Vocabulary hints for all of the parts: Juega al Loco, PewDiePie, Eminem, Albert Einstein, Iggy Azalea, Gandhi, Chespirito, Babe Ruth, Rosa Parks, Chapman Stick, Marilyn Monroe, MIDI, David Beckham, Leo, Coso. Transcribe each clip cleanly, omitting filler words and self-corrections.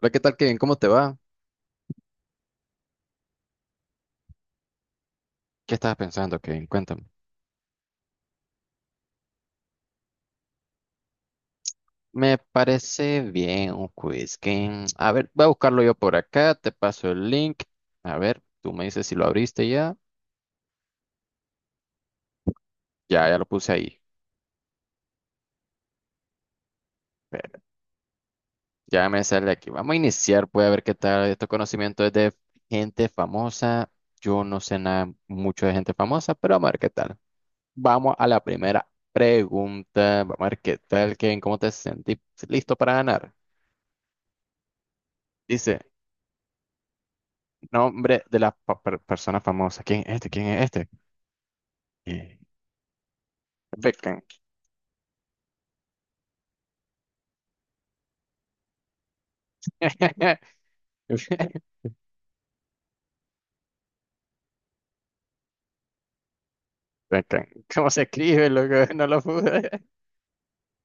Hola, ¿qué tal, Kevin? ¿Cómo te va? ¿Qué estabas pensando, Kevin? Cuéntame. Me parece bien un quiz, Kevin. A ver, voy a buscarlo yo por acá, te paso el link. A ver, tú me dices si lo abriste ya. Ya lo puse ahí. Espera, ya me sale aquí. Vamos a iniciar, pues a ver qué tal estos conocimientos de gente famosa. Yo no sé nada mucho de gente famosa, pero vamos a ver qué tal. Vamos a la primera pregunta. Vamos a ver qué tal, Kevin. ¿Cómo te sentís? ¿Listo para ganar? Dice, nombre de persona famosa. ¿Quién es este? ¿Quién es este? Y- Beckham. Beckham. ¿Cómo se escribe, loco? No lo pude.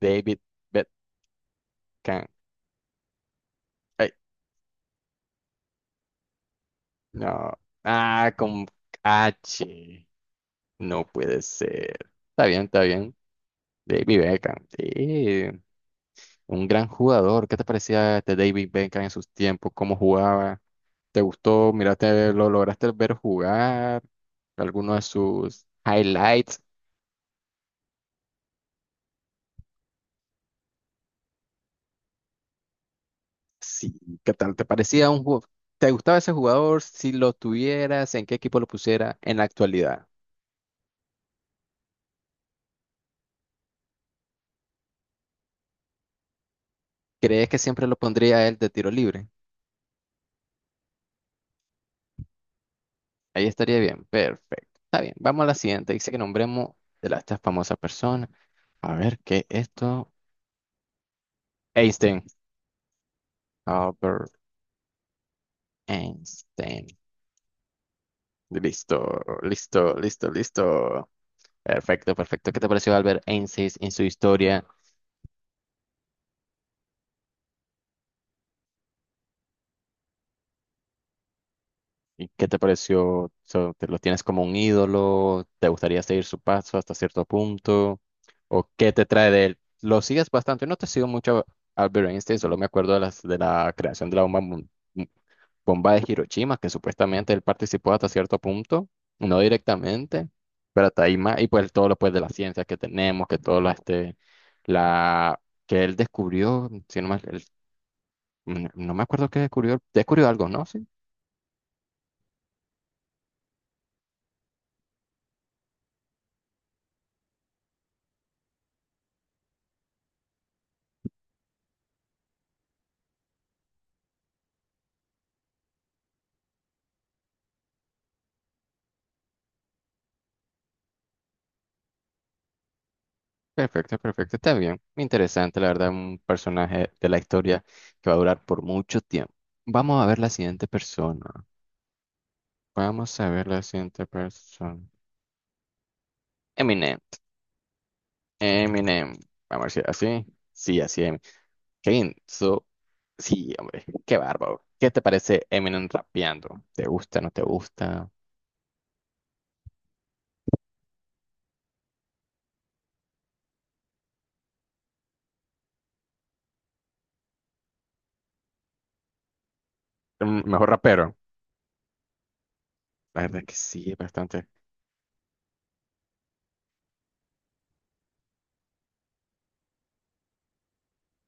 David Beckham. Ay, no. Ah, con H. No puede ser. Está bien. David Beckham. Sí, un gran jugador. ¿Qué te parecía este David Beckham en sus tiempos? ¿Cómo jugaba? ¿Te gustó? ¿Miraste, lo lograste ver jugar? ¿Alguno de sus highlights? Sí, ¿qué tal? ¿Te parecía un jugador? ¿Te gustaba ese jugador? Si lo tuvieras, ¿en qué equipo lo pusiera en la actualidad? ¿Crees que siempre lo pondría a él de tiro libre? Ahí estaría bien, perfecto. Está bien, vamos a la siguiente. Dice que nombremos esta famosa persona. A ver, ¿qué es esto? Einstein. Albert Einstein. Listo, listo. Perfecto. ¿Qué te pareció Albert Einstein en su historia? ¿Y qué te pareció? O sea, ¿te lo tienes como un ídolo? ¿Te gustaría seguir su paso hasta cierto punto? ¿O qué te trae de él? Lo sigues bastante. Yo no te sigo mucho a Albert Einstein, solo me acuerdo de, las, de la creación de la bomba de Hiroshima, que supuestamente él participó hasta cierto punto, no directamente, pero hasta ahí más. Y pues todo lo pues, de la ciencia que tenemos, que todo la, este, la que él descubrió, no me acuerdo qué descubrió, descubrió algo, ¿no? Sí. Perfecto, está bien. Interesante, la verdad, un personaje de la historia que va a durar por mucho tiempo. Vamos a ver la siguiente persona. Vamos a ver la siguiente persona. Eminem. Eminem. Vamos a ver si así. Sí, así Eminem. Qué intenso. Sí, hombre, qué bárbaro. ¿Qué te parece Eminem rapeando? ¿Te gusta, no te gusta? Mejor rapero. La verdad que sí, bastante.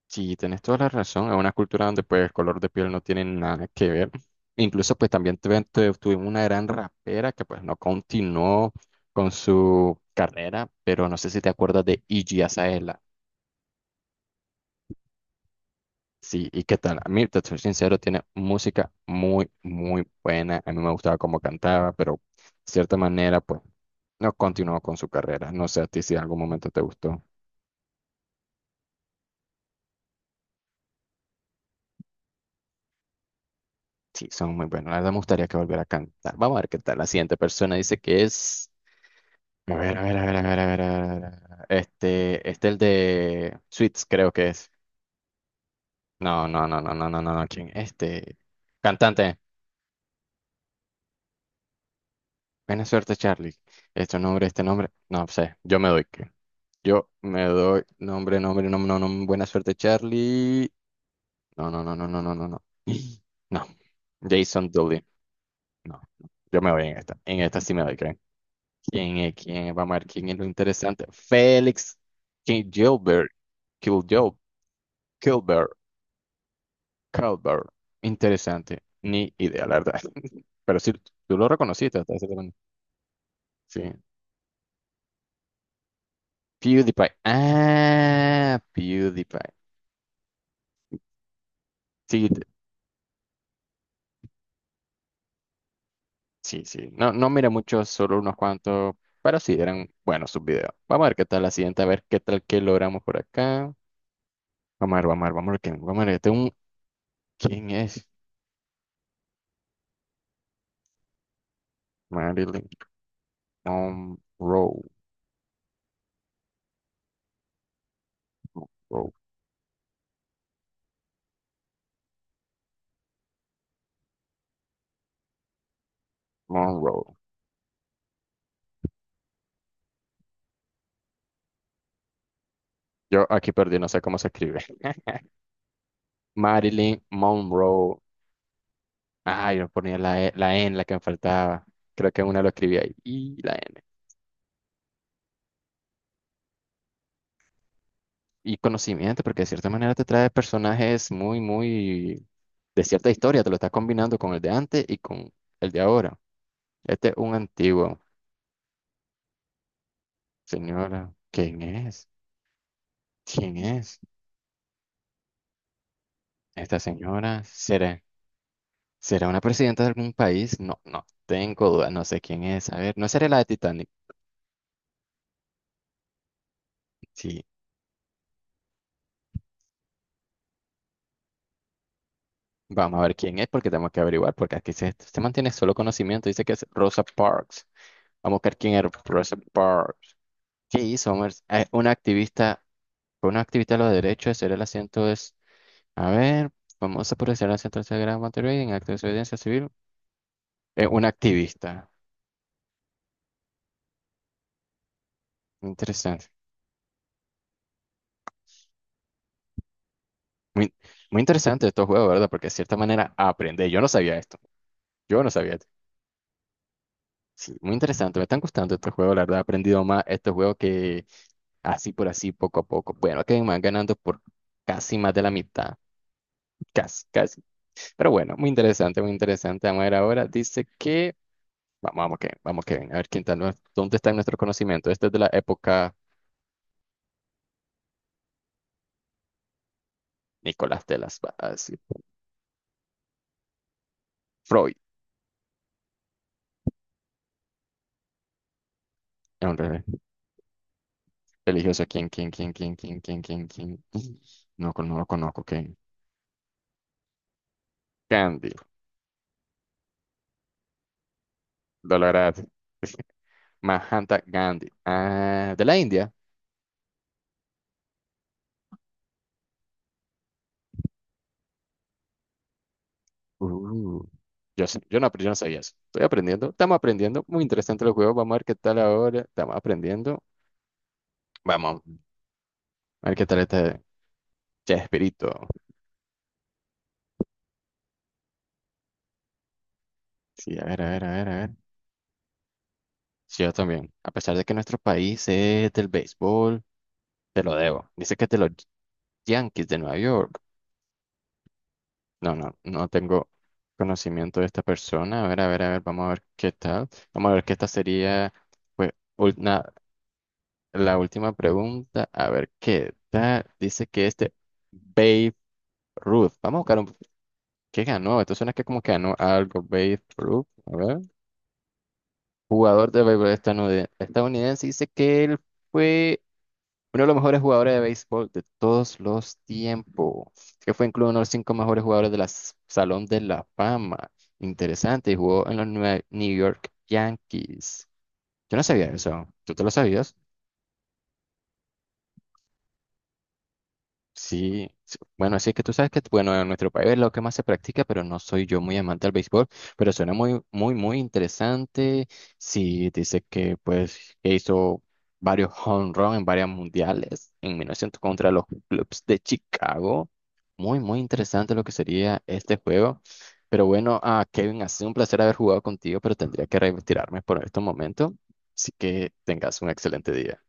Sí, tenés toda la razón. Es una cultura donde pues el color de piel no tiene nada que ver. Incluso pues también tuvimos una gran rapera que pues no continuó con su carrera, pero no sé si te acuerdas de Iggy Azalea. Sí, ¿y qué tal? A mí, te soy sincero, tiene música muy buena. A mí me gustaba cómo cantaba, pero de cierta manera pues no continuó con su carrera. No sé a ti si en algún momento te gustó. Sí, son muy buenos. La verdad me gustaría que volviera a cantar. Vamos a ver qué tal. La siguiente persona dice que es... A ver, a ver, a ver, a ver, a ver, a ver, a ver, a ver. Este el de Sweets, creo que es. No, ¿quién? Este, cantante. Buena suerte, Charlie. Este nombre. No sé, yo me doy. Yo me doy nombre, nombre, nombre, no, no, buena suerte, Charlie. No. No. Jason Dooley. No. Yo me voy en esta. En esta sí me doy, ¿creen? ¿Quién es? ¿Quién es? Vamos a ver quién es lo interesante. Félix Gilbert. Kiljob. Gilbert. Cowbird. Interesante. Ni idea, la verdad. Pero sí, tú lo reconociste hasta ese momento. Sí. PewDiePie. Ah, PewDiePie. Sí, te- sí. No, no mira muchos, solo unos cuantos. Pero sí, eran buenos sus videos. Vamos a ver qué tal la siguiente, a ver qué tal que logramos por acá. Vamos a ver, vamos a ver, vamos a ver quién. Vamos a ver, ¿quién es? Marilyn Monroe. Monroe. Monroe. Yo aquí perdí, no sé cómo se escribe. Marilyn Monroe. Ah, yo ponía la N, la que me faltaba. Creo que una lo escribí ahí. Y la N. Y conocimiento, porque de cierta manera te trae personajes muy de cierta historia. Te lo estás combinando con el de antes y con el de ahora. Este es un antiguo. Señora, ¿quién es? ¿Quién es? Esta señora será, será una presidenta de algún país. No, no tengo dudas. No sé quién es. A ver, no será la de Titanic. Sí. Vamos a ver quién es porque tenemos que averiguar, porque aquí se mantiene solo conocimiento. Dice que es Rosa Parks. Vamos a buscar quién era Rosa Parks. ¿Qué hizo? Vamos a ver. Una activista, fue una activista de los derechos de ser el asiento es, a ver, famosa por ser el asiento de Gran Monterrey en acto de desobediencia civil. Una activista. Interesante. Muy, muy interesante estos juegos, ¿verdad? Porque de cierta manera aprendí. Yo no sabía esto. Yo no sabía esto. Sí, muy interesante. Me están gustando estos juegos, la verdad. He aprendido más estos juegos que así por así, poco a poco. Bueno, que me van ganando por casi más de la mitad. Casi, casi. Pero bueno, muy interesante. Vamos a ver ahora. Dice que. Vamos, vamos, que ven A ver quién está, dónde está nuestro conocimiento. Este es de la época. Nicolás de así, Freud. Es un religioso. ¿Quién? No, no lo conozco. ¿Quién? Gandhi. Dolorad. Mahanta Gandhi. Ah, de la India. Uh, yo sé, yo no sabía eso. Estoy aprendiendo. Estamos aprendiendo. Muy interesante los juegos. Vamos a ver qué tal ahora. Estamos aprendiendo. Vamos a ver qué tal este. Chespirito. Sí, a ver. Sí, yo también. A pesar de que nuestro país es del béisbol, te lo debo. Dice que es de los Yankees de Nueva York. No tengo conocimiento de esta persona. Vamos a ver qué tal. Vamos a ver que esta sería, pues, ul- na- la última pregunta. A ver qué tal. Dice que este Babe Ruth. Vamos a buscar un... ¿Qué ganó? Esto suena que como que ganó algo Babe Ruth. A ver. Jugador de béisbol estadounidense, dice que él fue uno de los mejores jugadores de béisbol de todos los tiempos, que fue incluido uno de los 5 mejores jugadores del Salón de la Fama. Interesante, y jugó en los New York Yankees. Yo no sabía eso, ¿tú te lo sabías? Sí, sí, bueno, así que tú sabes que, bueno, en nuestro país es lo que más se practica, pero no soy yo muy amante al béisbol, pero suena muy interesante. Sí, dice que, pues, que hizo varios home run en varias mundiales en 1900 contra los Cubs de Chicago. Muy interesante lo que sería este juego. Pero bueno, ah, Kevin, ha sido un placer haber jugado contigo, pero tendría que retirarme por este momento. Así que tengas un excelente día.